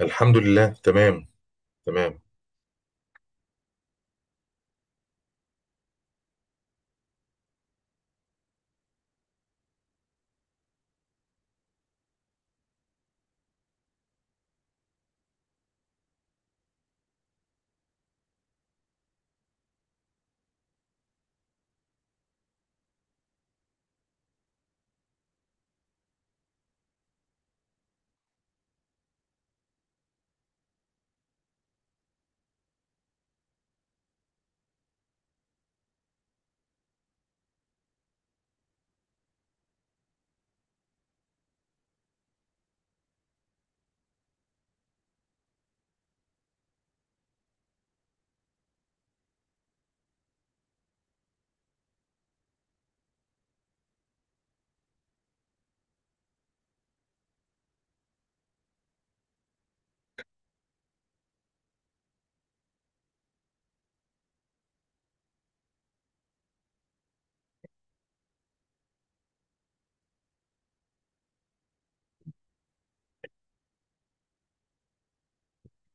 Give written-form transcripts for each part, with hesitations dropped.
الحمد لله، تمام تمام.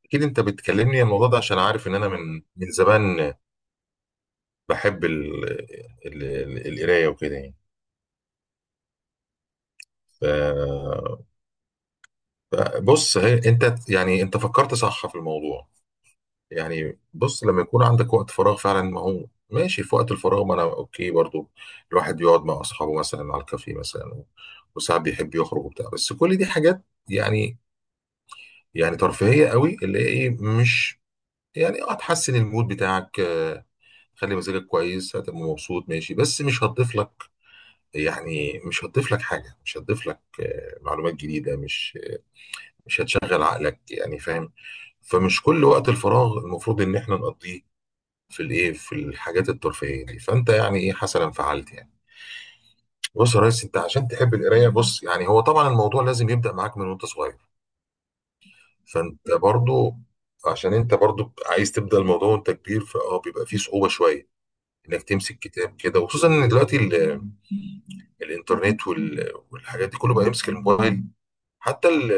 اكيد انت بتكلمني عن الموضوع ده عشان عارف ان انا من زمان بحب القرايه وكده يعني. ف- بص، هي انت يعني، انت فكرت صح في الموضوع. يعني بص، لما يكون عندك وقت فراغ فعلا، ما هو ماشي. في وقت الفراغ ما انا اوكي برضو الواحد يقعد مع اصحابه مثلا على الكافيه مثلا، وساعات بيحب يخرج وبتاع، بس كل دي حاجات يعني يعني ترفيهيه قوي، اللي هي ايه، مش يعني اه، تحسن المود بتاعك، خلي مزاجك كويس، هتبقى مبسوط ماشي، بس مش هتضيف لك يعني، مش هتضيف لك حاجة، مش هتضيف لك معلومات جديدة، مش هتشغل عقلك يعني، فاهم. فمش كل وقت الفراغ المفروض ان احنا نقضيه في الايه، في الحاجات الترفيهية دي. فانت يعني ايه، حسنا فعلت يعني. بص يا ريس، انت عشان تحب القراية، بص يعني هو طبعا الموضوع لازم يبدأ معاك من وانت صغير. فانت برضو، عشان انت برضو عايز تبدأ الموضوع وانت كبير، بيبقى فيه صعوبة شوية انك تمسك كتاب كده، وخصوصا ان دلوقتي الانترنت والحاجات دي كله، بقى يمسك الموبايل، حتى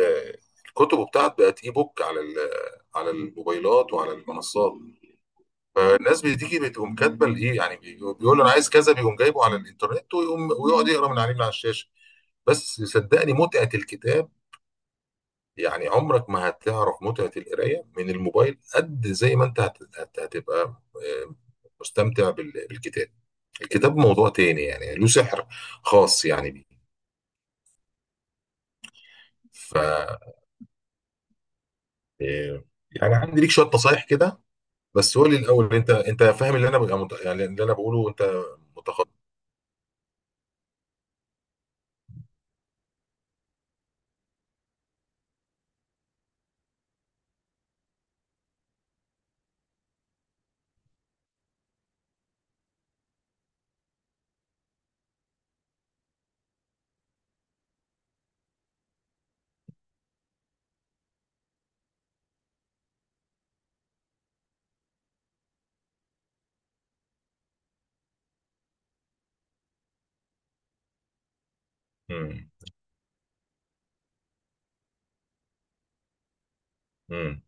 الكتب بتاعت بقت اي بوك على على الموبايلات وعلى المنصات. فالناس بتيجي بتقوم كاتبه الايه يعني، بيقول له انا عايز كذا، بيقوم جايبه على الانترنت، ويقوم ويقعد يقرا من عليه، من على الشاشه. بس صدقني متعه الكتاب، يعني عمرك ما هتعرف متعه القرايه من الموبايل قد زي ما انت هتبقى آه، مستمتع بالكتاب. الكتاب موضوع تاني يعني، له سحر خاص يعني بيه. ف إيه، يعني عندي ليك شويه نصايح كده. بس قول لي الاول، انت فاهم اللي انا ببقى يعني اللي انا بقوله، انت متخصص. مم. مم.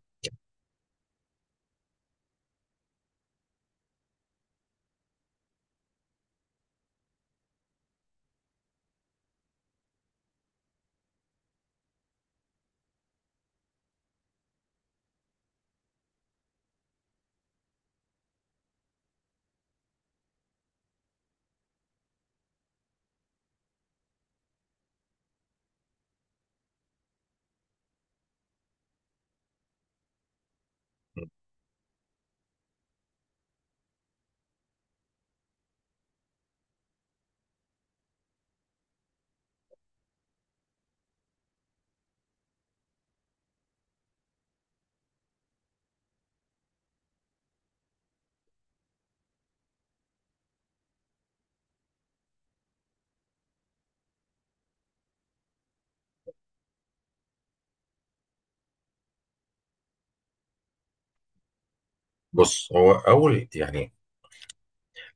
بص هو اول يعني،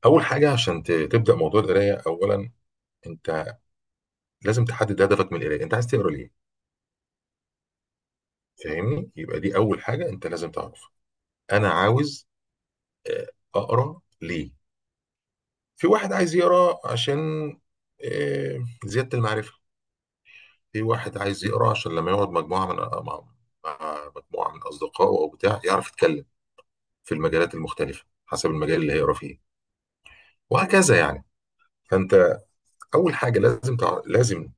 اول حاجه عشان تبدا موضوع القرايه، اولا انت لازم تحدد هدفك من القرايه، انت عايز تقرا ليه، فاهمني؟ يبقى دي اول حاجه انت لازم تعرفها. انا عاوز آه، اقرا ليه. في واحد عايز يقرا عشان زياده المعرفه. في واحد عايز يقرا عشان لما يقعد مجموعه من مع مع مجموعه من اصدقائه او بتاع، يعرف يتكلم في المجالات المختلفه حسب المجال اللي هيقرا فيه، وهكذا يعني. فانت اول حاجه لازم لازم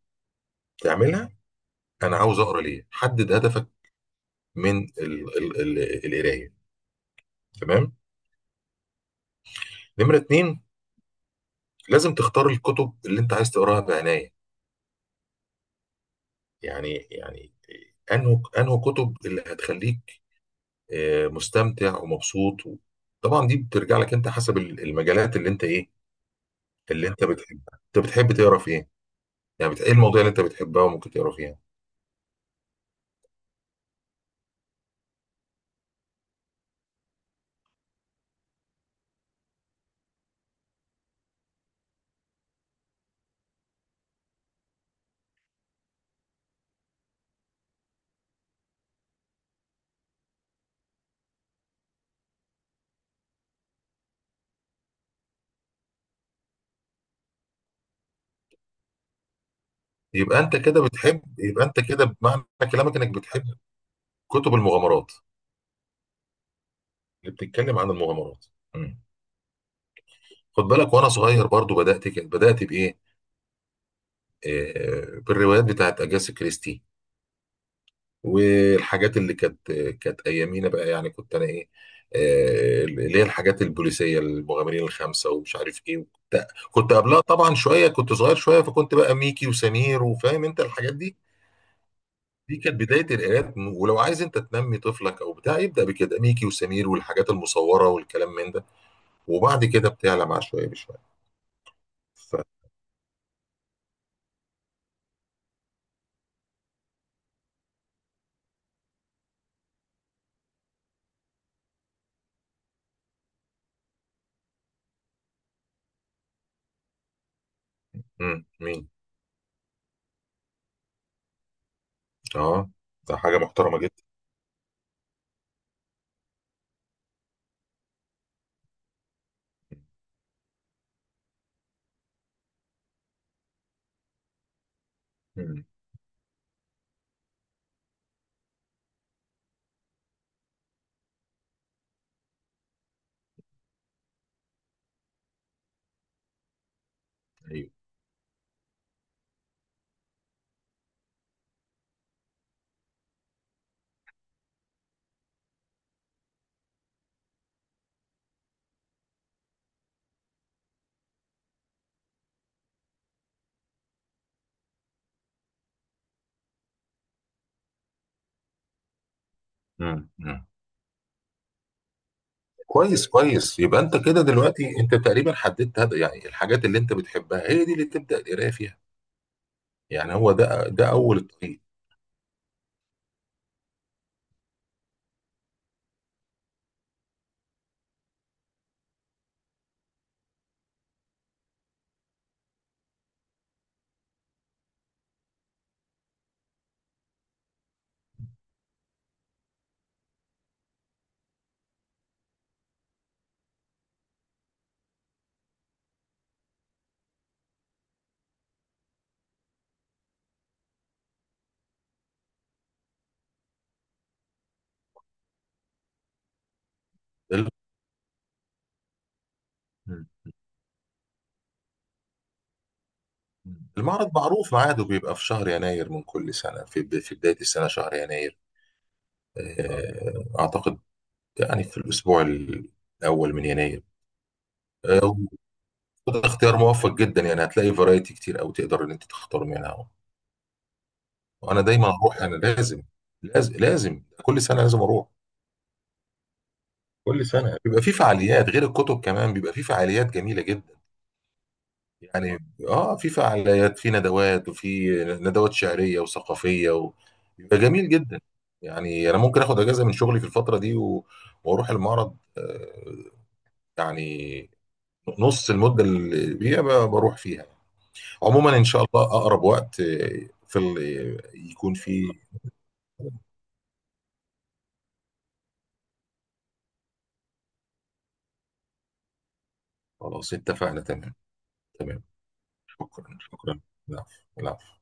تعملها، انا عاوز اقرا ليه، حدد هدفك من القرايه، تمام. نمره اتنين، لازم تختار الكتب اللي انت عايز تقراها بعنايه، يعني انه كتب اللي هتخليك مستمتع ومبسوط. طبعا دي بترجع لك انت، حسب المجالات، اللي انت ايه، اللي انت بتحبها. انت بتحب تقرا في ايه يعني، ايه المواضيع اللي انت بتحبها وممكن تقرا فيها؟ يبقى انت كده بتحب، يبقى انت كده بمعنى كلامك انك بتحب كتب المغامرات، اللي بتتكلم عن المغامرات. مم. خد بالك، وانا صغير برضو بدات كده، بدات بايه، بالروايات بتاعت اجاسا كريستي، والحاجات اللي كانت ايامينا بقى، يعني كنت انا ايه، اللي هي الحاجات البوليسيه، المغامرين الخمسه، ومش عارف ايه. كنت قبلها طبعا شويه، كنت صغير شويه، فكنت بقى ميكي وسمير، وفاهم انت الحاجات دي. دي كانت بداية القراءات، ولو عايز انت تنمي طفلك او بتاع يبدأ بكده، ميكي وسمير والحاجات المصورة والكلام من ده، وبعد كده بتعلى مع شوية بشوية. ف مم. مين؟ اه، ده حاجة محترمة جدا. مم. ايوه. مم. مم. كويس كويس، يبقى انت كده دلوقتي انت تقريبا حددت هذا يعني، الحاجات اللي انت بتحبها هي دي اللي تبدأ القراءة فيها، يعني هو ده اول الطريق. ال- مم. المعرض معروف ميعاده بيبقى في شهر يناير من كل سنة، في بداية السنة شهر يناير، اعتقد يعني في الأسبوع الأول من يناير. آه، وده اختيار موفق جدا يعني، هتلاقي فرايتي كتير أوي تقدر إن أنت تختار منها. وأنا دايما أروح، أنا لازم لازم لازم كل سنة لازم أروح. كل سنة بيبقى في فعاليات غير الكتب كمان، بيبقى في فعاليات جميلة جدا يعني، في فعاليات، في ندوات، وفي ندوات شعرية وثقافية بيبقى جميل جدا يعني. أنا ممكن آخد أجازة من شغلي في الفترة دي وأروح المعرض، يعني نص المدة اللي بيها بروح فيها. عموما ان شاء الله اقرب وقت في ال... يكون فيه. خلاص اتفقنا، تمام تمام، شكرا شكرا، العفو العفو.